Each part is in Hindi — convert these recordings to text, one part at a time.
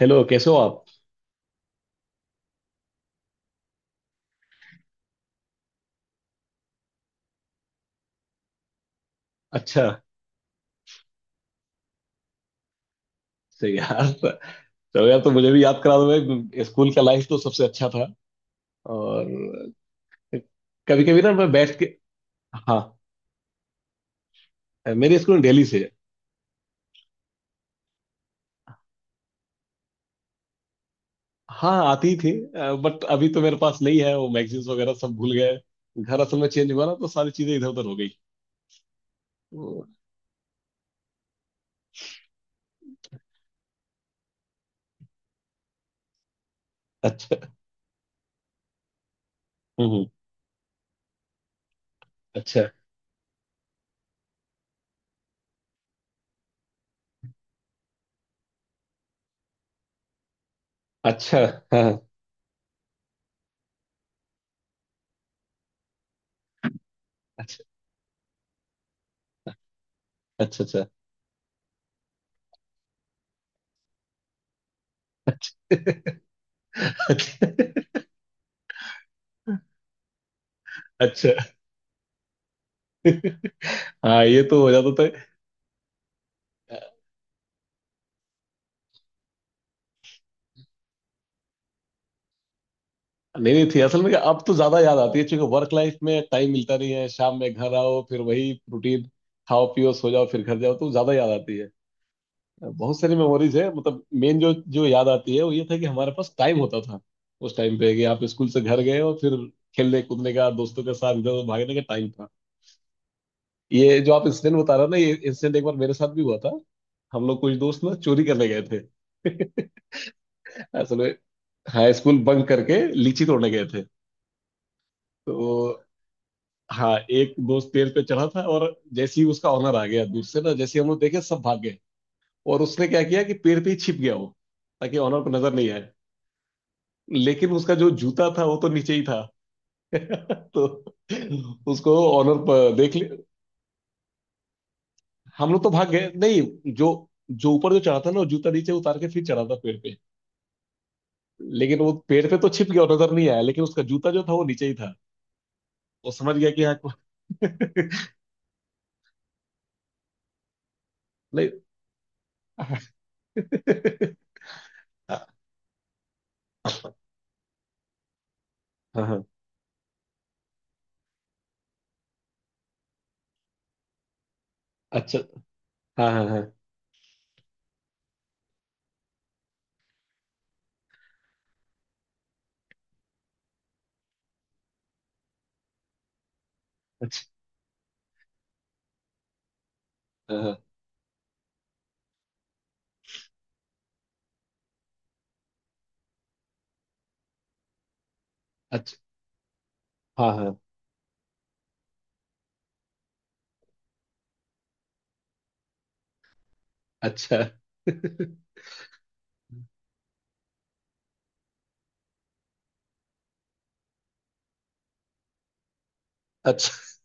हेलो कैसे हो आप। अच्छा। सही यार। चलो यार, तो मुझे भी याद करा दो भाई। स्कूल का लाइफ तो सबसे अच्छा था। और कभी कभी ना मैं बैठ के... हाँ, मेरे स्कूल दिल्ली से है। हाँ आती थी। बट अभी तो मेरे पास नहीं है वो मैगजीन्स वगैरह सब भूल गए। घर असल में चेंज हुआ ना तो सारी चीजें इधर उधर हो गई। तो, अच्छा। हम्म हम्म, अच्छा अच्छा। हाँ। अच्छा अच्छा अच्छा अच्छा अच्छा अच्छा, हाँ ये तो हो जाता था। नहीं नहीं थी। असल में क्या, अब तो ज्यादा याद आती है क्योंकि वर्क लाइफ में टाइम मिलता नहीं है। शाम में घर आओ फिर वही रूटीन, खाओ पियो सो जाओ फिर घर जाओ, तो ज्यादा याद आती है। बहुत सारी मेमोरीज है, मतलब मेन जो जो याद आती है वो ये था कि हमारे पास टाइम होता था उस टाइम पे। कि आप स्कूल से घर गए और फिर खेलने कूदने का, दोस्तों के साथ इधर उधर भागने का टाइम था। ये जो आप इंसिडेंट बता रहे हो ना ये इंसिडेंट एक बार मेरे साथ भी हुआ था। हम लोग कुछ दोस्त ना चोरी करने गए थे। असल में, हाँ स्कूल बंक करके लीची तोड़ने गए थे। तो हाँ, एक दोस्त पेड़ पे चढ़ा था और जैसे ही उसका ऑनर आ गया दूर से ना, जैसे ही हम लोग देखे सब भाग गए। और उसने क्या किया कि पेड़ पे ही छिप गया वो, ताकि ऑनर को नजर नहीं आए। लेकिन उसका जो जूता था वो तो नीचे ही था। तो उसको ऑनर देख ले। हम लोग तो भाग गए नहीं। जो जो ऊपर जो चढ़ा था ना वो जूता नीचे उतार के फिर चढ़ा था पेड़ पे। लेकिन वो पेड़ पे तो छिप गया और नजर नहीं आया, लेकिन उसका जूता जो था वो नीचे ही था। वो समझ गया कि हाँ नहीं। हाँ हाँ, अच्छा। हाँ हाँ हाँ हाँ हाँ, अच्छा। हाँ हाँ, अच्छा। अच्छा।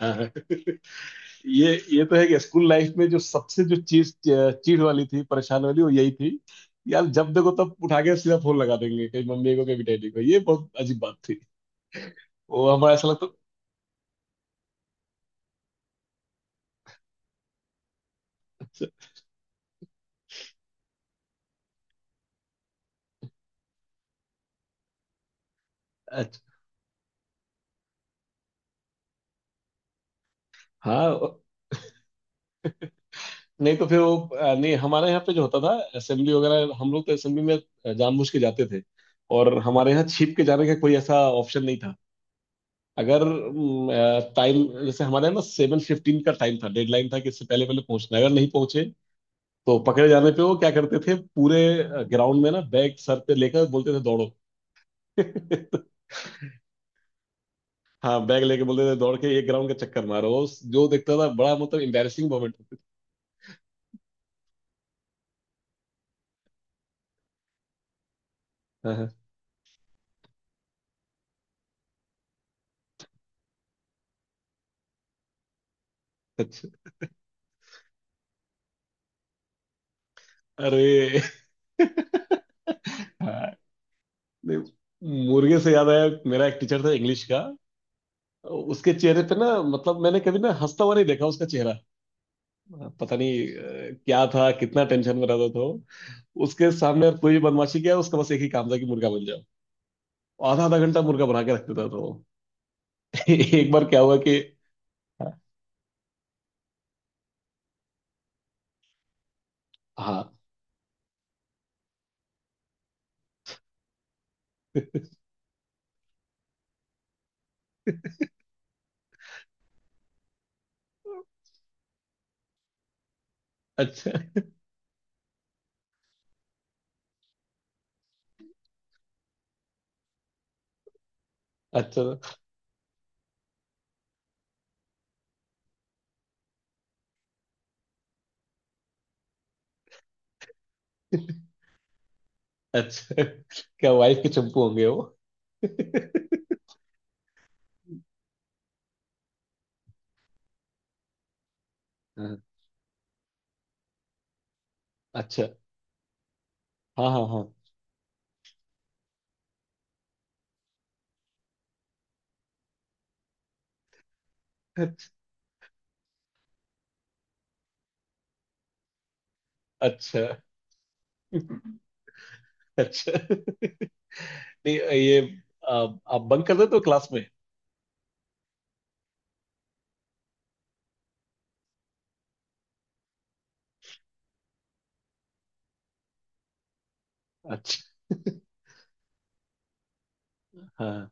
हाँ हाँ, ये ये तो है कि स्कूल लाइफ में जो सबसे जो चीज चीड़ वाली थी, परेशान वाली, वो यही थी। यार जब देखो तब उठा के सीधा फोन लगा देंगे कहीं मम्मी को कहीं डैडी को, ये बहुत अजीब बात थी। वो हमारा ऐसा लगता था, अच्छा। हाँ नहीं, तो फिर वो नहीं हमारे यहाँ पे जो होता था असेंबली वगैरह, हम लोग तो असेंबली में जानबूझ के जाते थे। और हमारे यहाँ छिप के जाने का कोई ऐसा ऑप्शन नहीं था। अगर टाइम जैसे हमारे ना सेवन फिफ्टीन का टाइम था, डेडलाइन था कि इससे पहले पहले पहुंचना है। अगर नहीं पहुंचे तो पकड़े जाने पे वो क्या करते थे, पूरे ग्राउंड में ना बैग सर पे लेकर बोलते थे दौड़ो। हाँ, बैग लेके बोलते थे दौड़ के ये ग्राउंड का चक्कर मारो, वो जो देखता था बड़ा मतलब एम्बेरसिंग मोमेंट होती थी। हाँ, हाँ, अच्छा अरे। हाँ, नहीं, मुर्गे से याद आया मेरा एक टीचर था इंग्लिश का। उसके चेहरे पे ना मतलब मैंने कभी ना हंसता हुआ नहीं देखा उसका चेहरा। पता नहीं क्या था, कितना टेंशन में रहता था वो। उसके सामने अगर कोई भी बदमाशी किया उसका बस एक ही काम था कि मुर्गा बन जाओ। आधा आधा घंटा मुर्गा बना के रख देता था वो। एक बार क्या हुआ कि हाँ, अच्छा अच्छा। अच्छा क्या वाइफ के चंपू होंगे वो। हाँ, अच्छा। हाँ हाँ हाँ, अच्छा अच्छा। नहीं ये आप बंक कर देते हो क्लास में। अच्छा। हाँ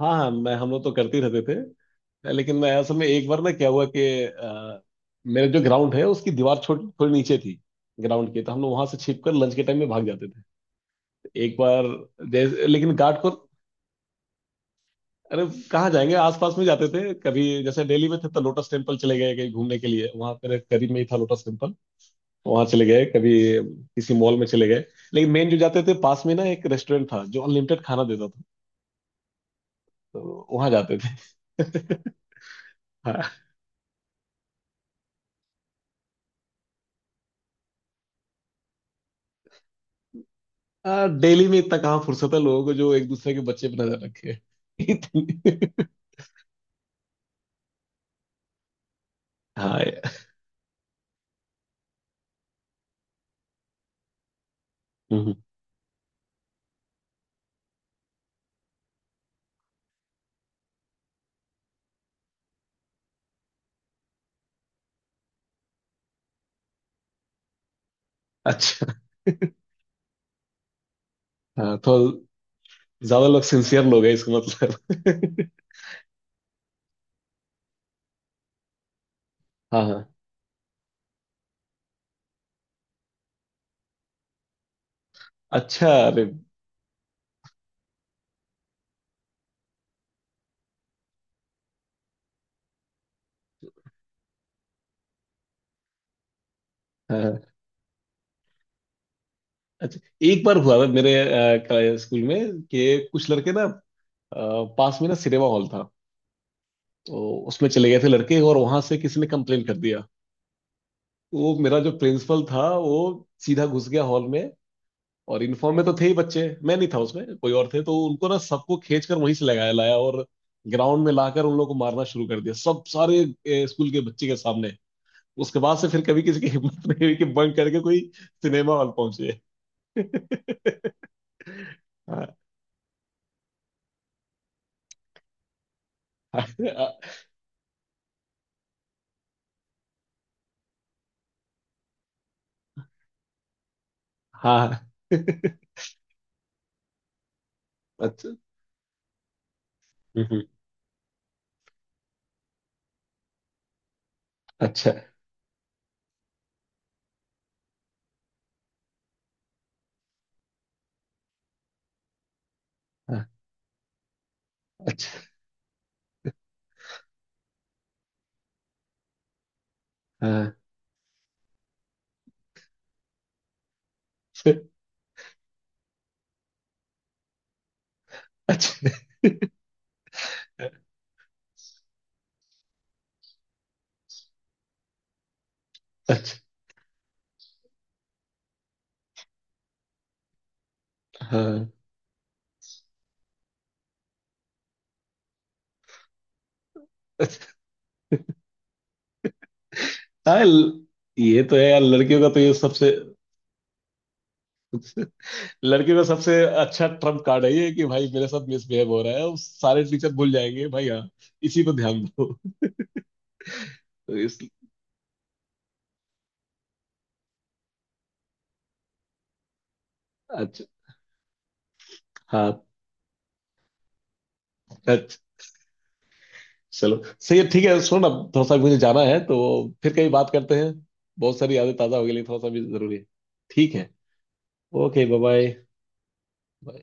हाँ हाँ, मैं हम लोग तो करते ही रहते थे। लेकिन मैं असल में एक बार ना क्या हुआ कि मेरा जो ग्राउंड है उसकी दीवार छोटी थोड़ी नीचे थी ग्राउंड की। तो हम लोग वहां से छिप कर लंच के टाइम में भाग जाते थे। एक बार जैसे, लेकिन घाट को... अरे कहाँ जाएंगे, आसपास में जाते थे। कभी जैसे दिल्ली में थे तो लोटस टेम्पल चले गए कहीं घूमने के लिए, वहां पर करीब में ही था लोटस टेम्पल। वहां चले गए। कभी किसी मॉल में चले गए। लेकिन मेन जो जाते थे पास में ना एक रेस्टोरेंट था जो अनलिमिटेड खाना देता था, तो वहां जाते थे। हाँ, डेली में इतना कहाँ फुर्सत है लोगों को जो एक दूसरे के बच्चे पर नजर रखे। इतनी- हाँ यार। हम्म, अच्छा। हाँ तो ज्यादा लोग सिंसियर लोग हैं इसका मतलब। हाँ हाँ, अच्छा अरे। हाँ हाँ। अच्छा एक बार हुआ था मेरे स्कूल में कि कुछ लड़के ना पास में ना सिनेमा हॉल था तो उसमें चले गए थे लड़के और वहां से किसी ने कंप्लेन कर दिया। वो मेरा जो प्रिंसिपल था वो सीधा घुस गया हॉल में। और यूनिफॉर्म में तो थे ही बच्चे, मैं नहीं था उसमें कोई और थे, तो उनको ना सबको खींच कर वहीं से लगाया लाया और ग्राउंड में लाकर उन लोगों को मारना शुरू कर दिया सब सारे स्कूल के बच्चे के सामने। उसके बाद से फिर कभी किसी की हिम्मत नहीं हुई कि बंक करके कोई सिनेमा हॉल पहुंचे। हाँ हाँ हाँ। अच्छा। हम्म, अच्छा। हाँ, अच्छा। हाँ, अच्छा अच्छा। हाँ, अच्छा। हाँ, ये तो है यार, लड़कियों का तो ये सबसे लड़के का सबसे अच्छा ट्रम्प कार्ड है ये कि भाई मेरे साथ मिसबिहेव हो रहा है, अब सारे टीचर भूल जाएंगे भाई हाँ इसी पे ध्यान दो। तो इस अच्छा। हाँ, अच्छा चलो सही है ठीक है। सुनो ना, थोड़ा सा मुझे जाना है तो फिर कहीं बात करते हैं। बहुत सारी यादें ताज़ा हो गई, लेकिन थोड़ा सा भी जरूरी है। ठीक है। Okay bye bye.